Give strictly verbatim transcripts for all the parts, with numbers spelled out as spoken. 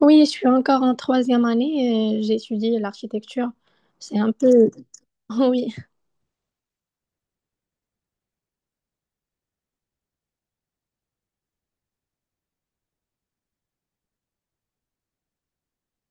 Oui, je suis encore en troisième année, euh, j'étudie l'architecture. C'est un peu. Oui,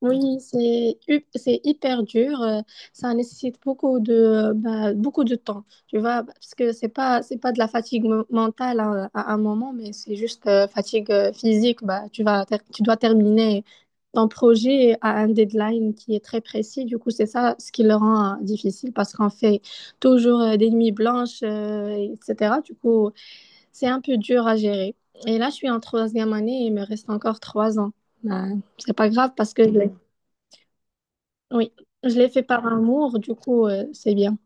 oui, c'est hu- c'est hyper dur. euh, Ça nécessite beaucoup de, euh, bah, beaucoup de temps, tu vois, parce que c'est pas, c'est pas de la fatigue mo- mentale à, à un moment, mais c'est juste euh, fatigue euh, physique. Bah, tu vas, ter- tu dois terminer ton projet à un deadline qui est très précis. Du coup, c'est ça ce qui le rend euh, difficile parce qu'on fait toujours euh, des nuits blanches, euh, et cetera. Du coup. C'est un peu dur à gérer. Et là, je suis en troisième année et il me reste encore trois ans. Ben, c'est pas grave parce que je l'ai- oui, je l'ai fait par amour, du coup, euh, c'est bien.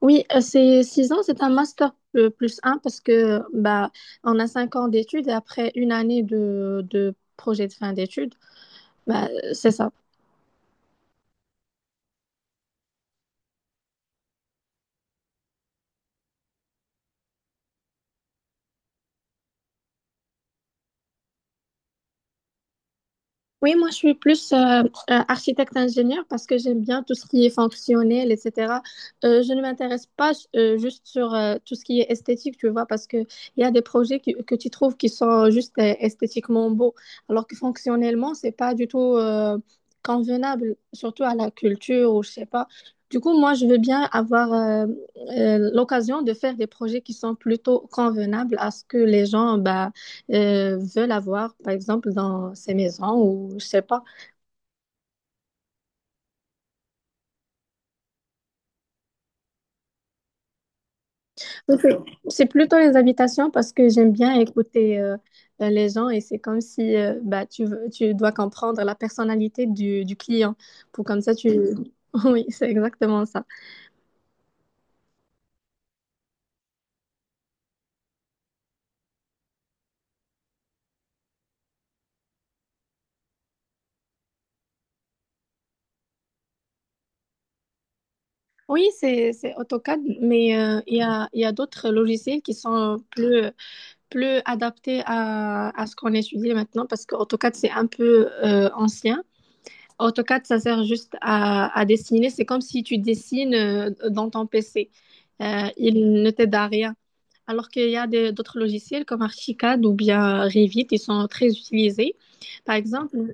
Oui, euh, c'est six ans, c'est un master euh, plus un parce que bah, on a cinq ans d'études et après une année de, de projet de fin d'études, bah, c'est ça. Oui, moi je suis plus euh, euh, architecte-ingénieur parce que j'aime bien tout ce qui est fonctionnel, et cetera. Euh, je ne m'intéresse pas euh, juste sur euh, tout ce qui est esthétique, tu vois, parce que il y a des projets qui- que tu trouves qui sont juste euh, esthétiquement beaux, alors que fonctionnellement, c'est pas du tout euh, convenable, surtout à la culture ou je sais pas. Du coup, moi je veux bien avoir euh, euh, l'occasion de faire des projets qui sont plutôt convenables à ce que les gens, bah, euh, veulent avoir, par exemple, dans ces maisons ou je sais pas. Mais C'est c'est plutôt les habitations parce que j'aime bien écouter euh, les gens et c'est comme si euh, bah, tu, veux- tu dois comprendre la personnalité du, du client pour comme ça tu. Oui, c'est exactement ça. Oui, c'est c'est AutoCAD, mais euh, il y a, il y a d'autres logiciels qui sont plus, plus adaptés à, à ce qu'on étudie maintenant parce que AutoCAD, c'est un peu euh, ancien. AutoCAD, ça sert juste à, à dessiner. C'est comme si tu dessines euh, dans ton P C. Euh, il ne t'aide à rien. Alors qu'il y a des- d'autres logiciels comme Archicad ou bien Revit, ils sont très utilisés. Par exemple, euh,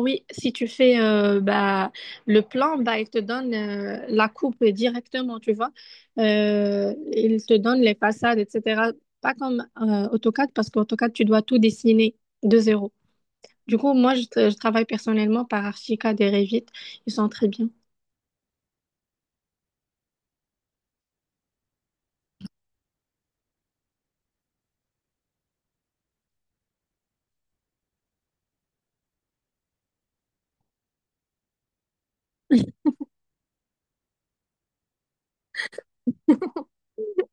oui, si tu fais euh, bah, le plan, bah, il te donne euh, la coupe directement, tu vois. Euh, il te donne les façades, et cetera. Pas comme euh, AutoCAD, parce qu'AutoCAD, tu dois tout dessiner de zéro. Du coup, moi, je, tra- je travaille personnellement par Archica des Revit. Ils sont très bien.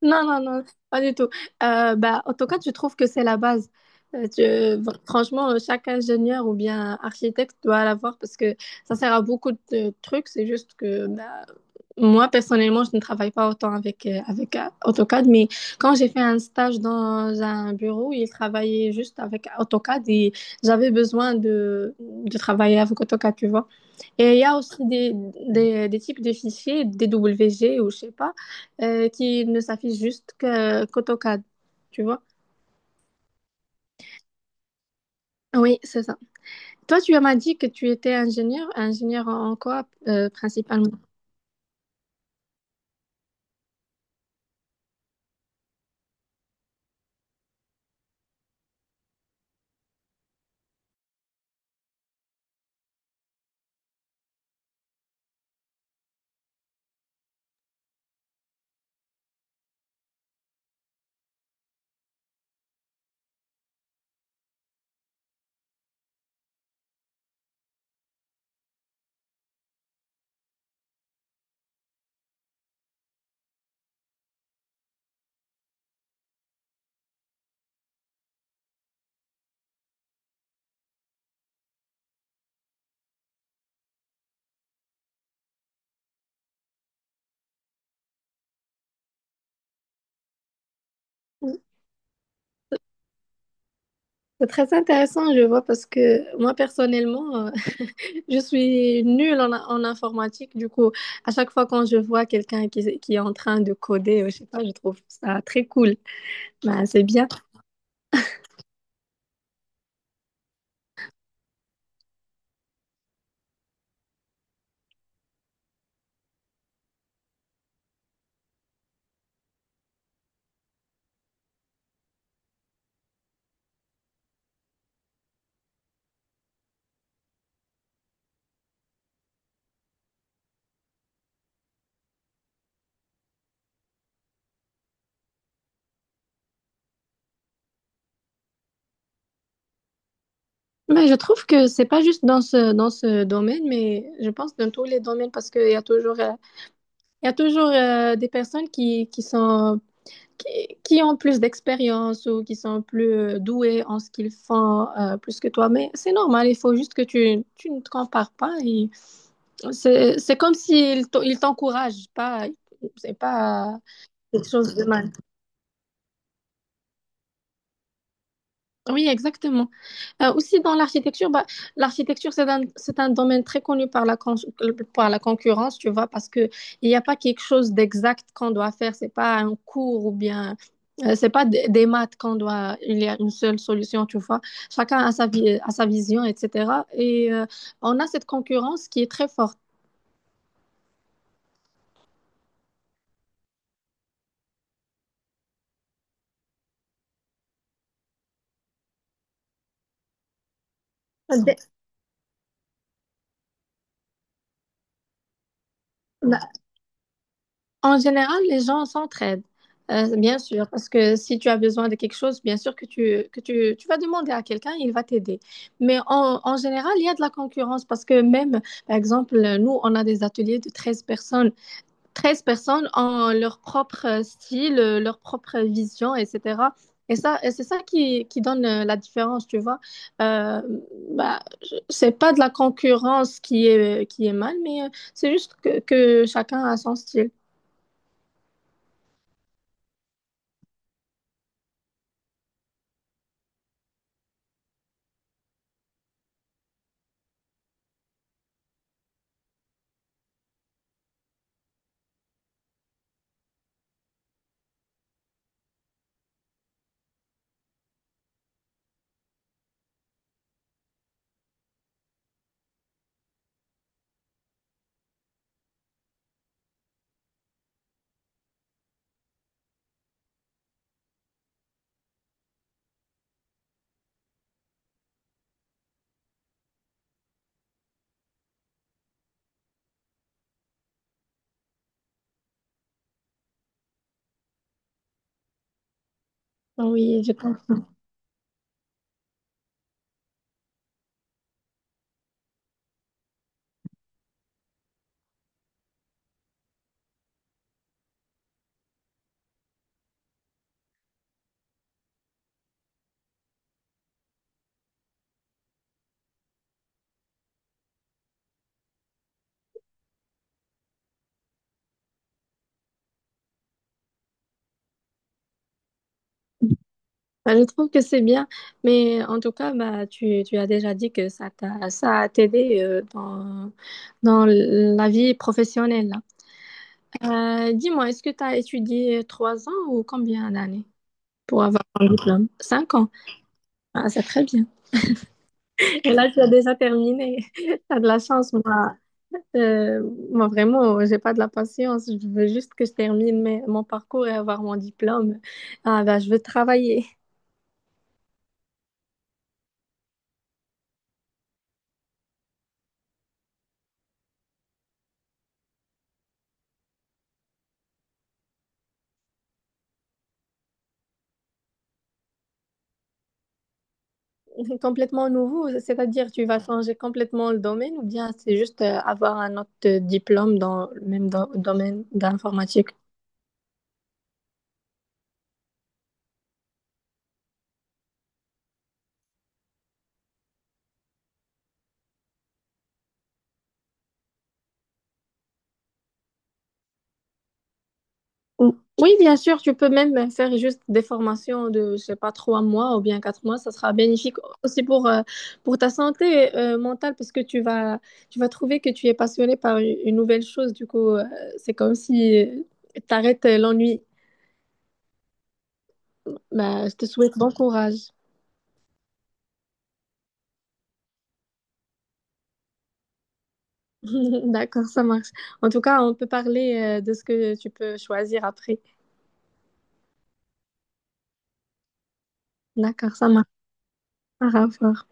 Non, non, non, pas du tout. Euh, bah, en tout cas, je trouve que c'est la base. Euh, tu- franchement, euh, chaque ingénieur ou bien architecte doit l'avoir parce que ça sert à beaucoup de trucs. C'est juste que bah, moi, personnellement, je ne travaille pas autant avec, euh, avec euh, AutoCAD, mais quand j'ai fait un stage dans un bureau, ils travaillaient juste avec AutoCAD et j'avais besoin de, de travailler avec AutoCAD, tu vois. Et il y a aussi des, des, des types de fichiers, D W G ou je sais pas euh, qui ne s'affiche juste que, qu'AutoCAD, tu vois? Oui, c'est ça. Toi, tu m'as dit que tu étais ingénieur. Ingénieur en quoi, euh, principalement? Oui. C'est très intéressant, je vois, parce que moi, personnellement, euh, je suis nulle en, en informatique. Du coup, à chaque fois quand je vois quelqu'un qui, qui est en train de coder, euh, je sais pas, je trouve ça très cool. Ben, c'est bien. Mais je trouve que c'est pas juste dans ce, dans ce domaine, mais je pense dans tous les domaines, parce qu'il y a toujours euh, Il y a toujours euh, des personnes qui, qui sont, qui, qui ont plus d'expérience ou qui sont plus euh, douées en ce qu'ils font euh, plus que toi. Mais c'est normal, il faut juste que tu, tu ne te compares pas. Et C'est c'est comme s'ils t'en- ils t'encouragent, pas, c'est pas quelque chose de mal. Oui, exactement. Euh, aussi dans l'architecture, bah, l'architecture, c'est un, c'est un domaine très connu par la, con- par la concurrence, tu vois, parce que il n'y a pas quelque chose d'exact qu'on doit faire. C'est pas un cours ou bien, euh, c'est pas des des maths qu'on doit, il y a une seule solution, tu vois. Chacun a sa, vi- a sa vision, et cetera. Et euh, on a cette concurrence qui est très forte. Dès, En général, les gens s'entraident, euh, bien sûr, parce que si tu as besoin de quelque chose, bien sûr que tu, que tu, tu vas demander à quelqu'un, il va t'aider. Mais en, en général, il y a de la concurrence parce que même, par exemple, nous, on a des ateliers de treize personnes. Treize personnes ont leur propre style, euh, leur propre vision, et cetera. Et ça, et c'est ça qui, qui donne euh, la différence, tu vois. Euh, Bah, je- c'est pas de la concurrence qui est, qui est mal, mais euh, c'est juste que que chacun a son style. Oui, je comprends. Bah, Je trouve que c'est bien, mais en tout cas, bah, tu, tu as déjà dit que ça t'a, ça a t'aidé euh, dans, dans la vie professionnelle. Là. Euh, dis-moi, est-ce que tu as étudié trois ans ou combien d'années pour avoir ton diplôme? Cinq ans. Ah, c'est très bien. Et là, tu as déjà terminé. Tu as de la chance, moi. Euh, Moi, vraiment, j'ai pas de la patience. Je veux juste que je termine mes- mon parcours et avoir mon diplôme. Ah, bah, je veux travailler. C'est complètement nouveau, c'est-à-dire tu vas changer complètement le domaine ou bien c'est juste euh, avoir un autre euh, diplôme dans le même do- domaine d'informatique? Ou- Oui, bien sûr, tu peux même faire juste des formations de, je sais pas, trois mois ou bien quatre mois, ça sera bénéfique aussi pour, euh, pour ta santé euh, mentale parce que tu vas, tu vas trouver que tu es passionné par une une nouvelle chose, du coup, euh, c'est comme si tu arrêtes l'ennui. Bah, je te souhaite bon courage. D'accord, ça marche. En tout cas, on peut parler euh, de ce que tu peux choisir après. D'accord, ça marche. Au revoir.